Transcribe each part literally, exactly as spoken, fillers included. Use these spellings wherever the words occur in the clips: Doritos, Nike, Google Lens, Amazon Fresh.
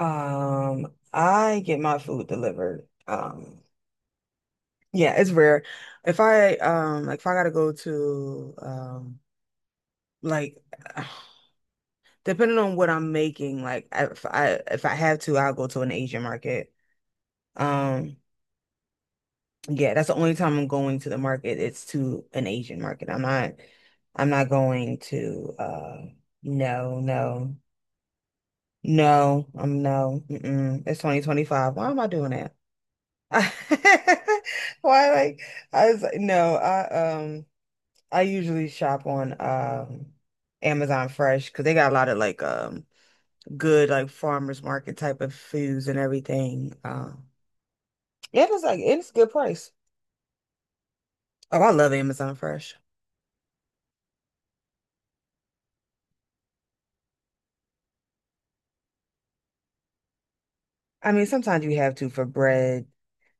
Um, I get my food delivered. Um, yeah, it's rare. If I um like if I gotta go to um like depending on what I'm making, like I- if I if I have to, I'll go to an Asian market. Um, yeah, that's the only time I'm going to the market. It's to an Asian market. I'm not I'm not going to uh no, no, no, I'm no. Mm-mm. It's twenty twenty-five. Why am I doing that? I, Why, like, I was like, no, I um, I usually shop on um Amazon Fresh because they got a lot of like um good like farmers market type of foods and everything. Um, yeah, it's like it's a good price. Oh, I love Amazon Fresh. I mean, sometimes you have to for bread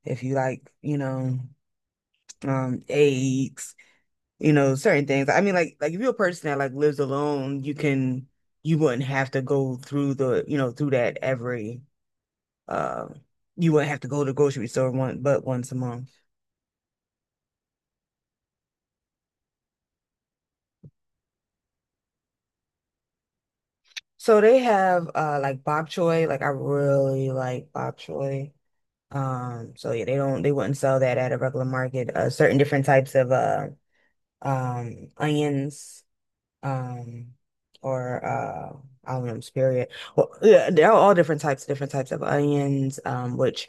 if you like, you know, um, eggs, you know, certain things. I mean, like, like if you're a person that like lives alone, you can, you wouldn't have to go through the, you know, through that every um, you wouldn't have to go to the grocery store one but once a month. So they have uh like bok choy. Like I really like bok choy. Um, so yeah, they don't they wouldn't sell that at a regular market. Uh, certain different types of uh um onions, um or uh I don't know, spirit. Well, yeah, they're all different types, different types of onions, um, which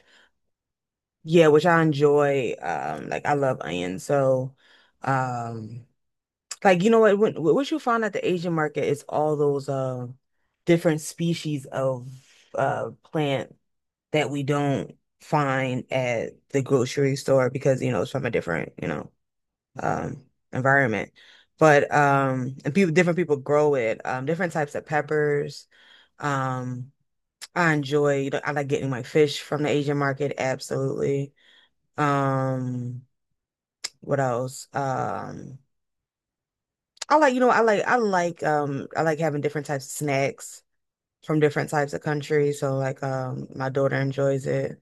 yeah, which I enjoy. Um, like I love onions. So um like, you know what, when, what you find at the Asian market is all those uh different species of uh plant that we don't find at the grocery store because, you know, it's from a different, you know, um environment. But um and people different people grow it, um different types of peppers. Um I enjoy, you know, I like getting my fish from the Asian market, absolutely. Um what else? Um I like, you know, I like I like um I like having different types of snacks from different types of countries. So like um my daughter enjoys it.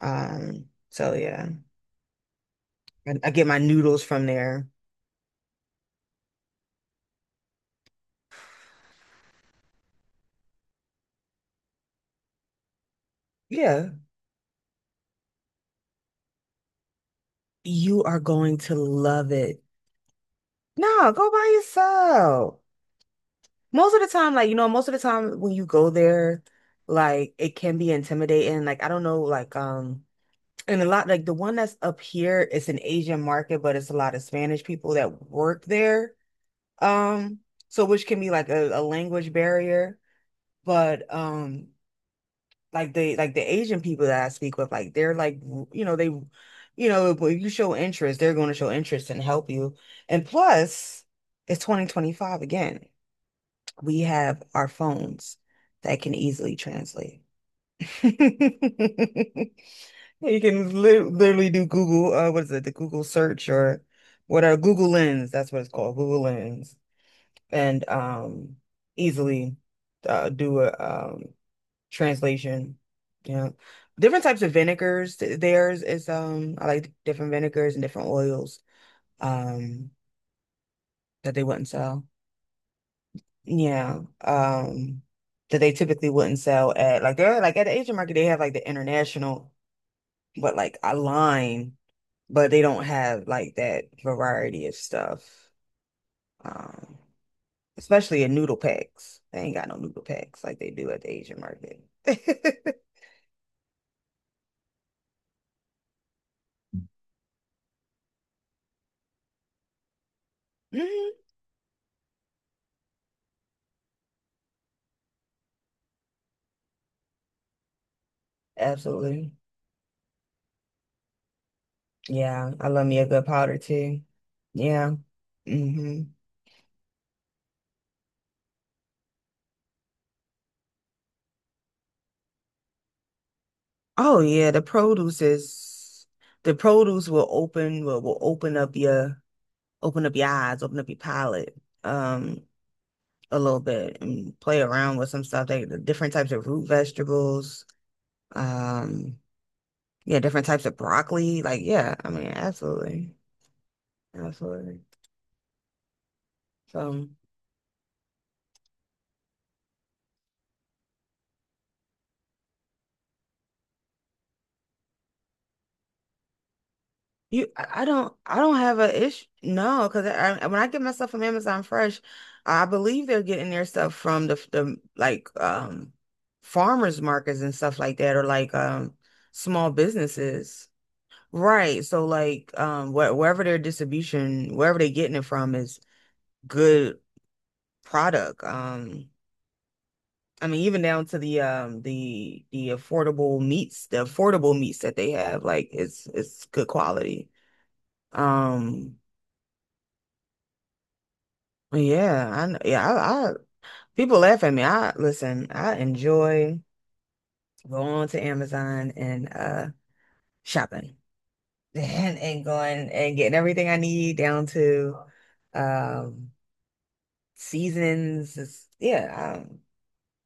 Um so yeah. And I get my noodles from there. Yeah. You are going to love it. No, go by yourself. Most of the time, like, you know, most of the time when you go there, like it can be intimidating. Like, I don't know, like um and a lot like the one that's up here, it's an Asian market, but it's a lot of Spanish people that work there. Um, so which can be like a, a language barrier, but um like the like the Asian people that I speak with, like they're like, you know, they, you know, if if you show interest, they're going to show interest and help you. And plus, it's twenty twenty-five again. We have our phones that can easily translate. You can li literally do Google, uh, what is it, the Google search or what are Google Lens? That's what it's called, Google Lens. And um easily, uh, do a um translation. Yeah. Different types of vinegars. Th- Theirs is um I like different vinegars and different oils um that they wouldn't sell. Yeah. Um that they typically wouldn't sell at like they're like at the Asian market they have like the international but like a line, but they don't have like that variety of stuff. Um Especially in noodle packs. They ain't got no noodle packs like they do at the Asian market. hmm Absolutely. Yeah, I love me a good powder too. Yeah. hmm Oh yeah, the produce is the produce will open will, will open up your open up your eyes, open up your palate um a little bit and play around with some stuff. They the different types of root vegetables, um yeah, different types of broccoli. Like, yeah, I mean, absolutely. Absolutely. So You, I I don't, I, don't have a issue. No, because I, I- when I get my stuff from Amazon Fresh, I believe they're getting their stuff from the the like um farmers markets and stuff like that, or like um small businesses. Right. So like um wh wherever their distribution, wherever they're getting it from is good product. Um, I mean even down to the um the the affordable meats, the affordable meats that they have, like it's it's good quality. Um. Yeah, I know. Yeah, I, I people laugh at me. I listen, I enjoy going to Amazon and uh shopping and, and going and getting everything I need down to um seasons. It's- yeah, I'm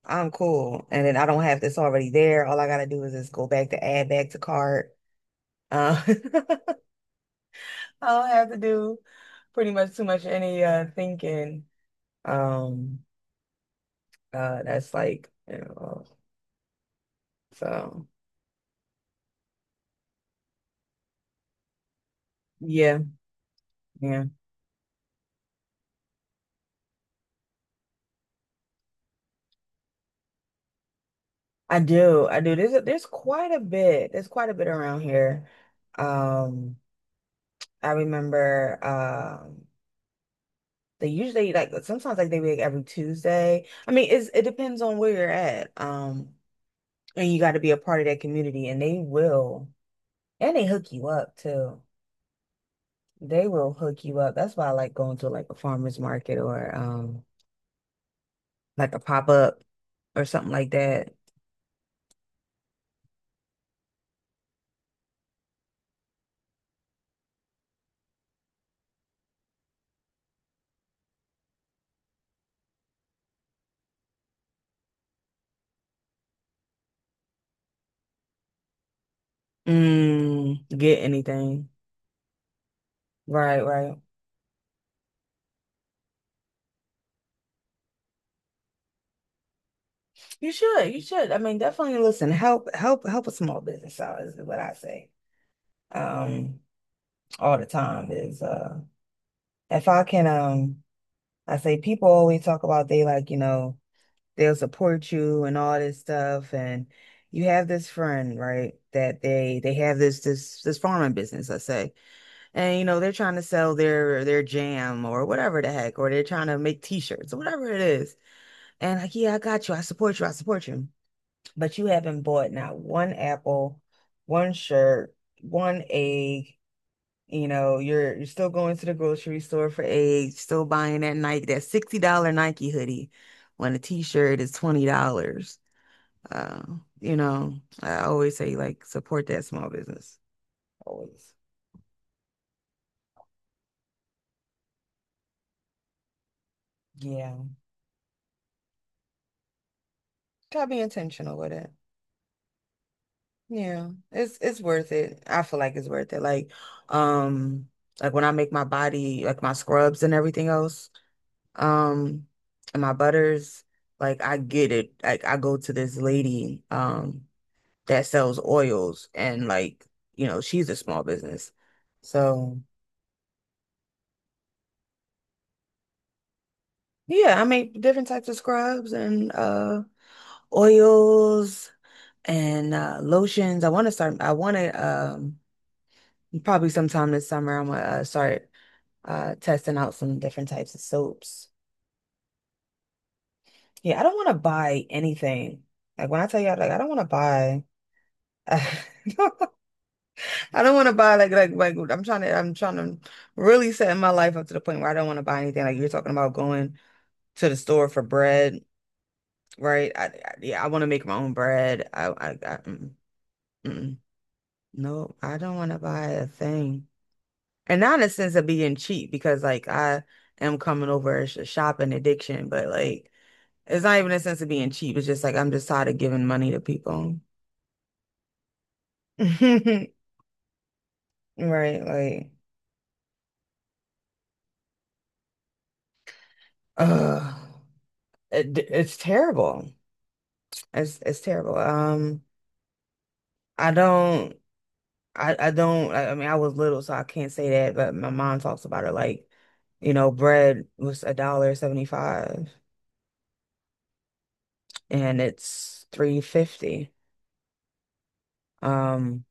I'm cool. And then I don't have this already there. All I gotta do is just go back to add back to cart. Uh, I don't have to do pretty much too much any uh thinking. Um uh that's like, you know, so yeah. Yeah, I do. I do. There's a, there's quite a bit. There's quite a bit around here. Um, I remember um they usually like sometimes like they make every Tuesday. I mean, it's it depends on where you're at. Um, and you got to be a part of that community and they will and they hook you up too. They will hook you up. That's why I like going to like a farmer's market or um like a pop-up or something like that. Mm, get anything. Right, right. You should, you should. I mean, definitely listen, help help help a small business out is what I say. Um, all the time is uh if I can, um I say people always talk about they like, you know, they'll support you and all this stuff. And you have this friend, right, that they they have this this this farming business, let's say. And you know they're trying to sell their their jam or whatever the heck, or they're trying to make t-shirts or whatever it is. And like, yeah, I got you, I support you, I support you, but you haven't bought not one apple, one shirt, one egg. You know, you're you're still going to the grocery store for eggs, still buying that Nike, that sixty dollars Nike hoodie when a t-shirt is twenty dollars. Uh, you know, I always say like support that small business. Always. Yeah. Gotta be intentional with it. Yeah. It's it's worth it. I feel like it's worth it. Like, um, like when I make my body, like my scrubs and everything else, um, and my butters, like I get it. Like I go to this lady, um, that sells oils and like, you know, she's a small business. So yeah, I make different types of scrubs and uh oils, and uh, lotions. I want to start. I want to um probably sometime this summer. I'm gonna uh, start uh testing out some different types of soaps. Yeah, I don't want to buy anything. Like when I tell you, like I don't want to buy. I don't want to buy like like like I'm trying to I'm trying to really set my life up to the point where I don't want to buy anything. Like you're talking about going to the store for bread, right? I, I Yeah, I want to make my own bread. I I, I mm, mm. No, I don't want to buy a thing. And not in a sense of being cheap because like I am coming over as a sh- shopping addiction, but like it's not even a sense of being cheap. It's just like I'm just tired of giving money to people. Right, like uh it, it's terrible. It's it's terrible. Um I don't I, I don't I, I mean I was little so I can't say that, but my mom talks about it like, you know, bread was a dollar seventy-five and it's three fifty. Um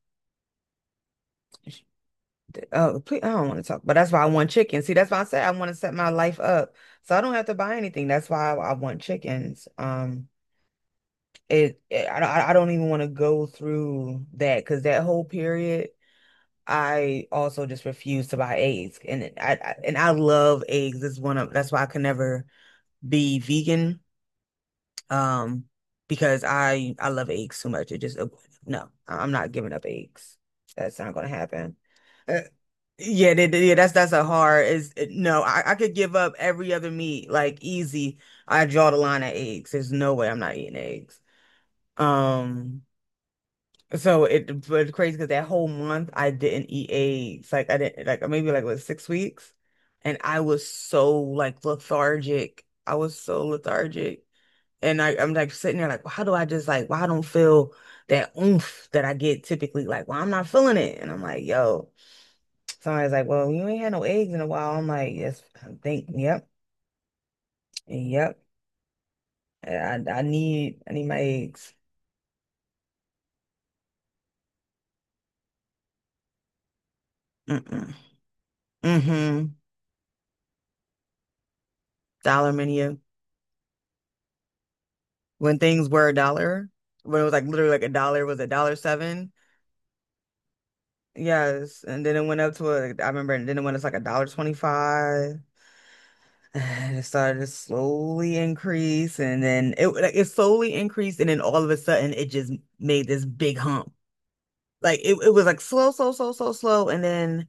Oh, please, I don't want to talk, but that's why I want chicken. See, that's why I said I want to set my life up so I don't have to buy anything. That's why I, I want chickens. Um, it, it I, don't- I don't even want to go through that because that whole period, I also just refused to buy eggs, and it- I, I and I love eggs. It's one of that's why I can never be vegan. Um, because I I love eggs so much. It just No, I'm not giving up eggs. That's not gonna happen. Yeah, they, they- yeah, that's that's a hard is it- no, I, I could give up every other meat, like easy. I draw the line at eggs. There's no way I'm not eating eggs. Um, so it but it's crazy because that whole month I didn't eat eggs. Like I didn't like maybe like what six weeks, and I was so like lethargic. I was so lethargic, and I I'm like sitting there like, how do I just like why I don't feel that oomph that I get typically? Like, well, I'm not feeling it, and I'm like, yo. Somebody's like, well, you ain't had no eggs in a while. I'm like, yes, I think, yep, yep. I, I need, I need my eggs. Mm-mm. Mm-hmm. Dollar menu. When things were a dollar, when it was like literally like a dollar was a dollar seven. Yes, and then it went up to a, I remember, and then it went up to like a dollar twenty-five. And it started to slowly increase, and then it like it slowly increased, and then all of a sudden it just made this big hump. Like it, it was like slow, slow, slow, slow, slow, and then.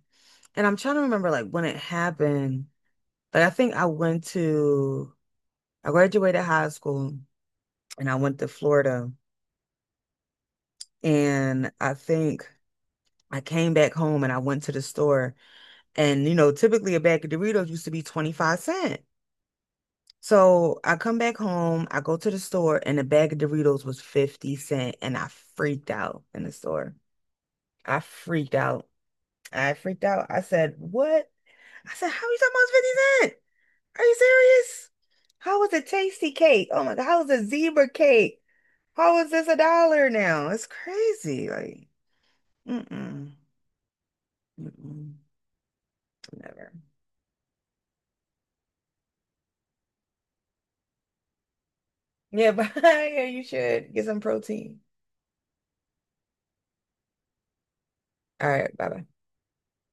And I'm trying to remember like when it happened. Like I think I went to I graduated high school and I went to Florida and I think I came back home and I went to the store and you know typically a bag of Doritos used to be twenty-five cent. So I come back home, I go to the store and a bag of Doritos was fifty cent and I freaked out in the store. I freaked out. I freaked out. I said, "What?" I said, "How are you talking about it's fifty cent?" Are you serious? How was a tasty cake? Oh my God, how was a zebra cake? How is this a dollar now? It's crazy. Like, mm-mm, mm-mm, never. Yeah, but yeah, you should get some protein. All right, bye bye.